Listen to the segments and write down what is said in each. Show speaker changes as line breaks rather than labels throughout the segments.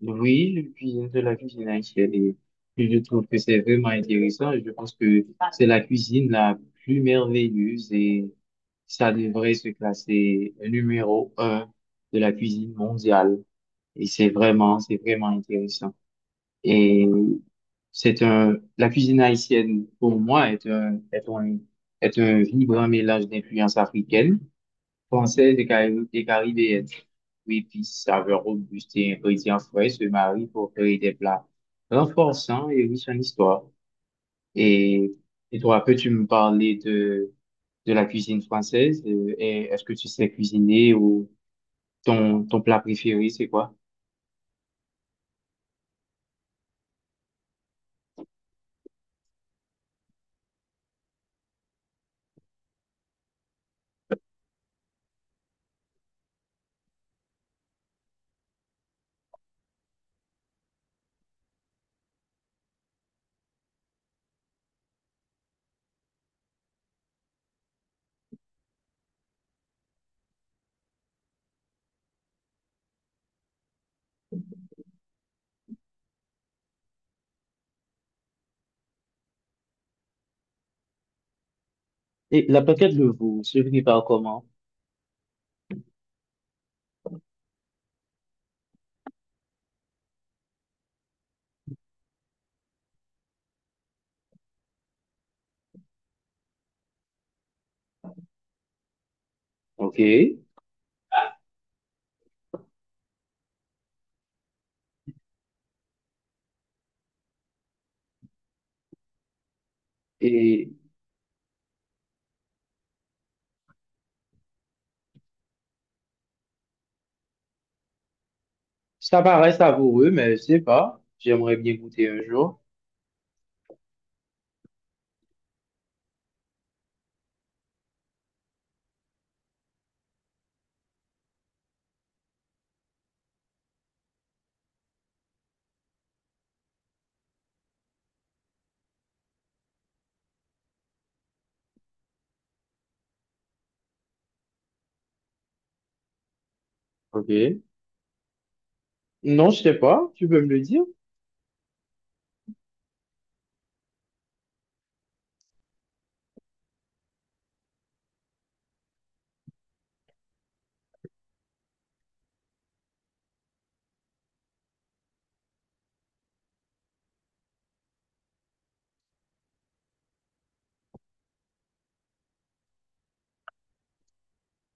Oui, le cuisine de la cuisine haïtienne, et je trouve que c'est vraiment intéressant. Je pense que c'est la cuisine la plus merveilleuse et ça devrait se classer numéro un de la cuisine mondiale. Et c'est vraiment intéressant. Et c'est un, la cuisine haïtienne, pour moi, est un, est un, est un vibrant mélange d'influences africaines française et et caribéenne. Oui, puis saveur robuste et ingrédients frais se marient pour créer des plats renforçants et riches en histoire. Et, et toi, peux-tu me parler de la cuisine française? Et est-ce que tu sais cuisiner ou ton plat préféré, c'est quoi? Et la plaquette de veau se prépare comment? OK. Et ça paraît savoureux, mais je sais pas. J'aimerais bien goûter un jour. OK. Non, je sais pas. Tu peux me le dire?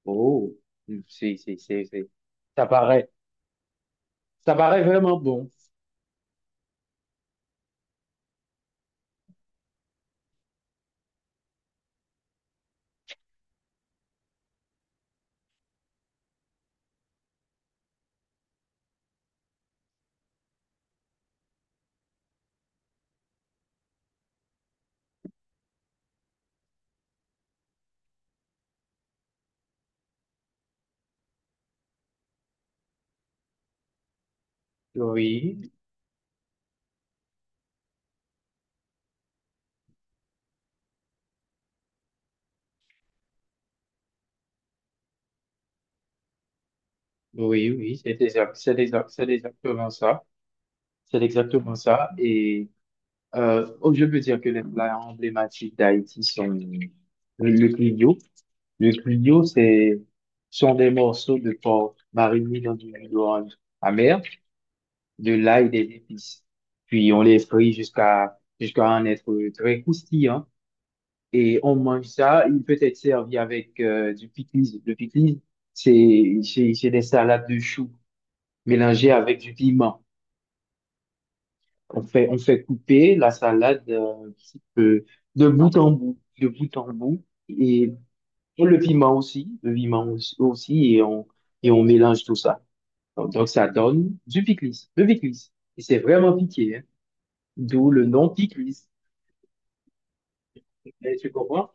Oh, si, si, si, si. Ça paraît, ça paraît vraiment bon. Oui, oui, oui, c'est exact, c'est exact, c'est exactement ça. C'est exactement ça. Et oh, je peux dire que les plats emblématiques d'Haïti sont le clignot. Le clignot, c'est, sont des morceaux de porc marinés dans du jus d'orange amer, de l'ail et des épices. Puis on les frit jusqu'à en être très croustillant et on mange ça. Il peut être servi avec du pickles. Le pickles, c'est des salades de choux mélangées avec du piment. On fait couper la salade un petit peu de bout en bout, de bout en bout et le piment aussi, aussi, et on mélange tout ça. Donc, ça donne du pickles, le pickles. Et c'est vraiment piqué, hein. D'où le nom pickles. Eh, tu comprends?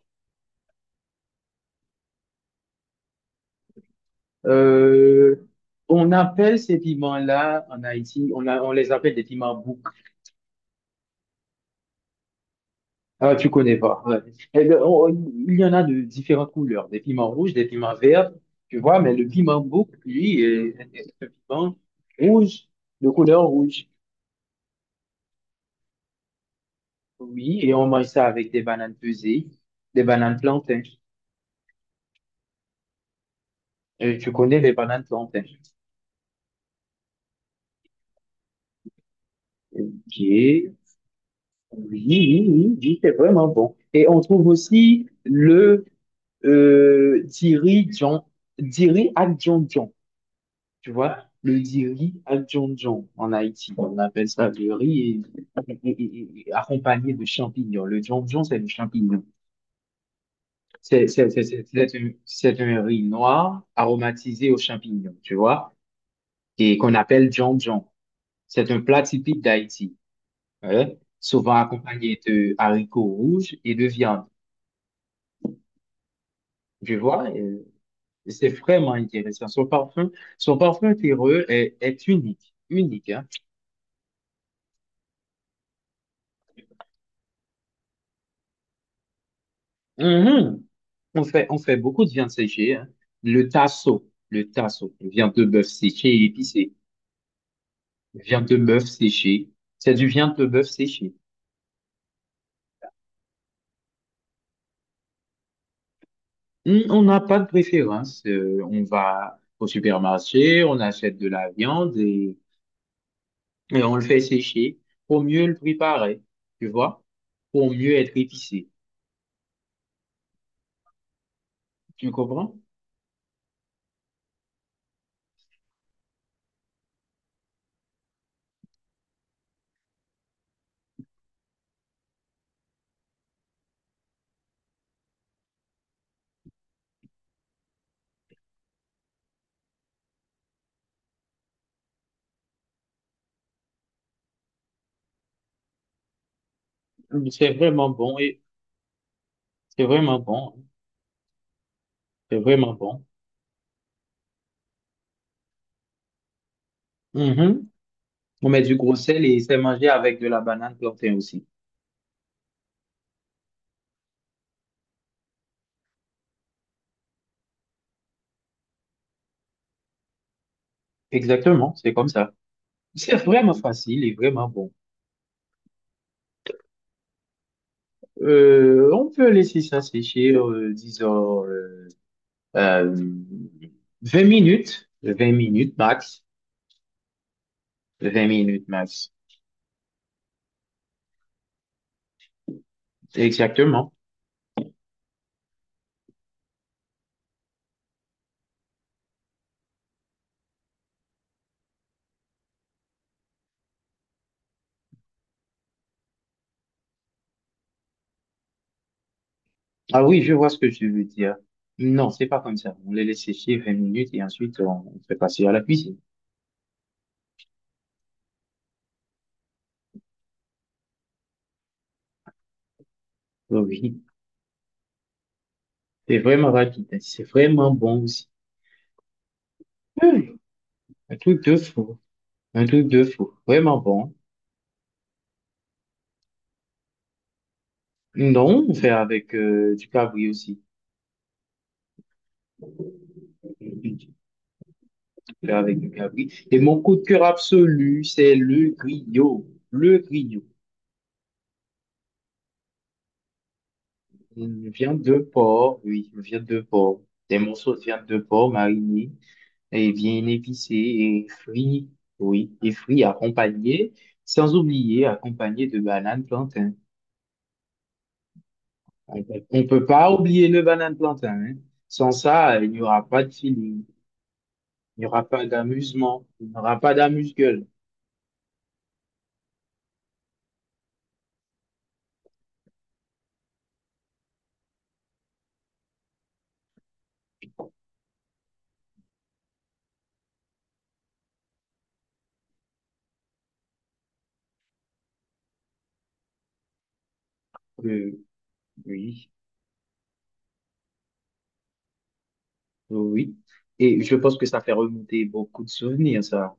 Euh, on appelle ces piments-là en Haïti, on les appelle des piments bouc. Ah, tu connais pas. Ouais. Et il y en a de différentes couleurs, des piments rouges, des piments verts, tu vois, mais le piment bouc, lui, est, est un piment rouge, de couleur rouge. Oui, et on mange ça avec des bananes pesées, des bananes plantains. Et tu connais les bananes plantains. Ok. Oui, oui, oui, oui, c'est vraiment bon. Et on trouve aussi le Diri Djon, Diri Adjondjon, tu vois, le Diri Adjondjon en Haïti, on appelle ça le riz et accompagné de champignons. Le Djondjon, c'est le champignon. C'est un riz noir aromatisé aux champignons, tu vois, et qu'on appelle Djondjon. C'est un plat typique d'Haïti, ouais, souvent accompagné de haricots rouges et de viande, tu vois. C'est vraiment intéressant. Son parfum terreux est, est unique, unique, hein. Mhm. On fait beaucoup de viande séchée, hein. Le tasso, viande de bœuf séchée et épicée. Viande de bœuf séchée, c'est du viande de bœuf séchée. On n'a pas de préférence. On va au supermarché, on achète de la viande et on le fait sécher pour mieux le préparer, tu vois, pour mieux être épicé. Tu comprends? C'est vraiment bon et c'est vraiment bon. C'est vraiment bon. Mhm. On met du gros sel et c'est mangé avec de la banane plantain aussi. Exactement, c'est comme ça. C'est vraiment facile et vraiment bon. On peut laisser ça sécher, disons, euh, 20 minutes, 20 minutes max, 20 minutes max. Exactement. Ah oui, je vois ce que tu veux dire. Non, c'est pas comme ça. On les laisse sécher 20 minutes et ensuite on fait passer à la cuisine. Oui. Oui. C'est vraiment rapide, hein. C'est vraiment bon aussi. Hum, Un truc de fou. Un truc de fou. Vraiment bon. Non, on fait avec du cabri aussi. On fait avec du cabri. Et mon coup de cœur absolu, c'est le griot. Le griot. Une viande de porc, oui, une viande de porc. Des morceaux de viande de porc marinés et bien épicés et frits, oui, et frits accompagnés, sans oublier accompagnés de bananes plantains. On peut pas oublier le banane plantain, hein. Sans ça, il n'y aura pas de feeling, il n'y aura pas d'amusement, il n'y aura pas d'amuse-gueule. Euh, oui, oui. Et je pense que ça fait remonter beaucoup de souvenirs, ça.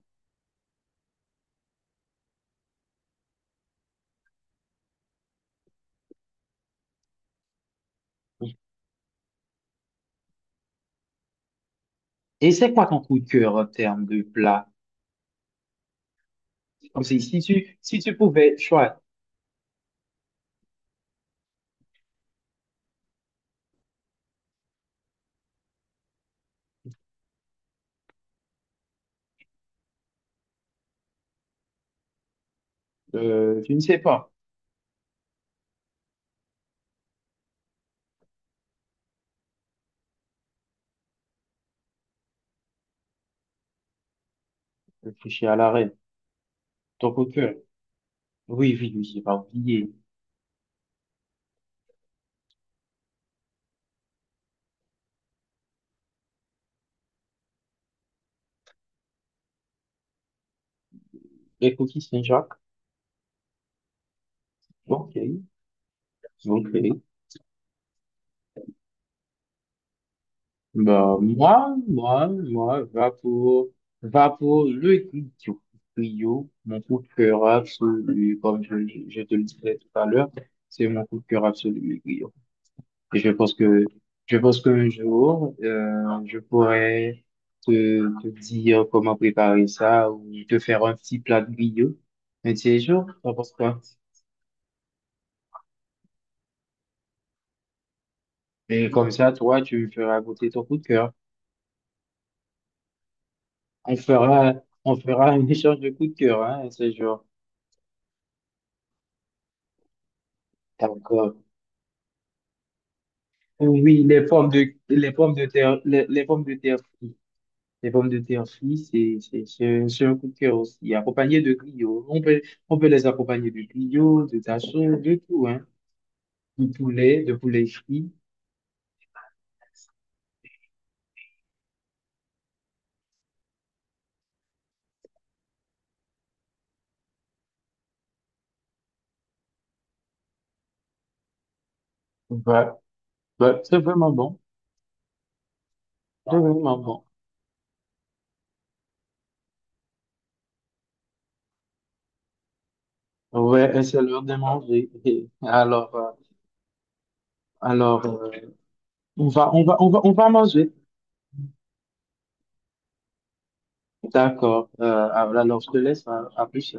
Et c'est quoi ton coup de cœur en termes de plat? Comme si, si tu pouvais choisir, je ne sais pas, réfléchir à l'arrêt, ton coup de cœur. Oui, oui, oui, j'ai pas oublié. Les cookies Saint-Jacques. Ok, ok. Bah, moi, va pour le trio, trio, mon coup de cœur absolu, comme je te le disais tout à l'heure, c'est mon coup de cœur absolu, le trio. Et je pense qu'un jour, je pourrais te, te dire comment préparer ça ou te faire un petit plat de griot. Un petit jour, t'en penses quoi? Et comme ça, toi, tu me feras goûter ton coup de cœur. On fera, on fera un échange de coup de cœur, hein, un de ces jours. Oui, les pommes de terre, les pommes de terre frites. Les pommes de terre frites, c'est un coup de cœur aussi, accompagné de griots. On peut les accompagner de griots, de tachons, de tout, hein. Du poulet, de poulet frit. Ouais, ouais, c'est vraiment bon. C'est vraiment bon. Ouais, et c'est l'heure de manger. Alors, euh, alors, on va manger. D'accord. Alors, je te laisse à plus.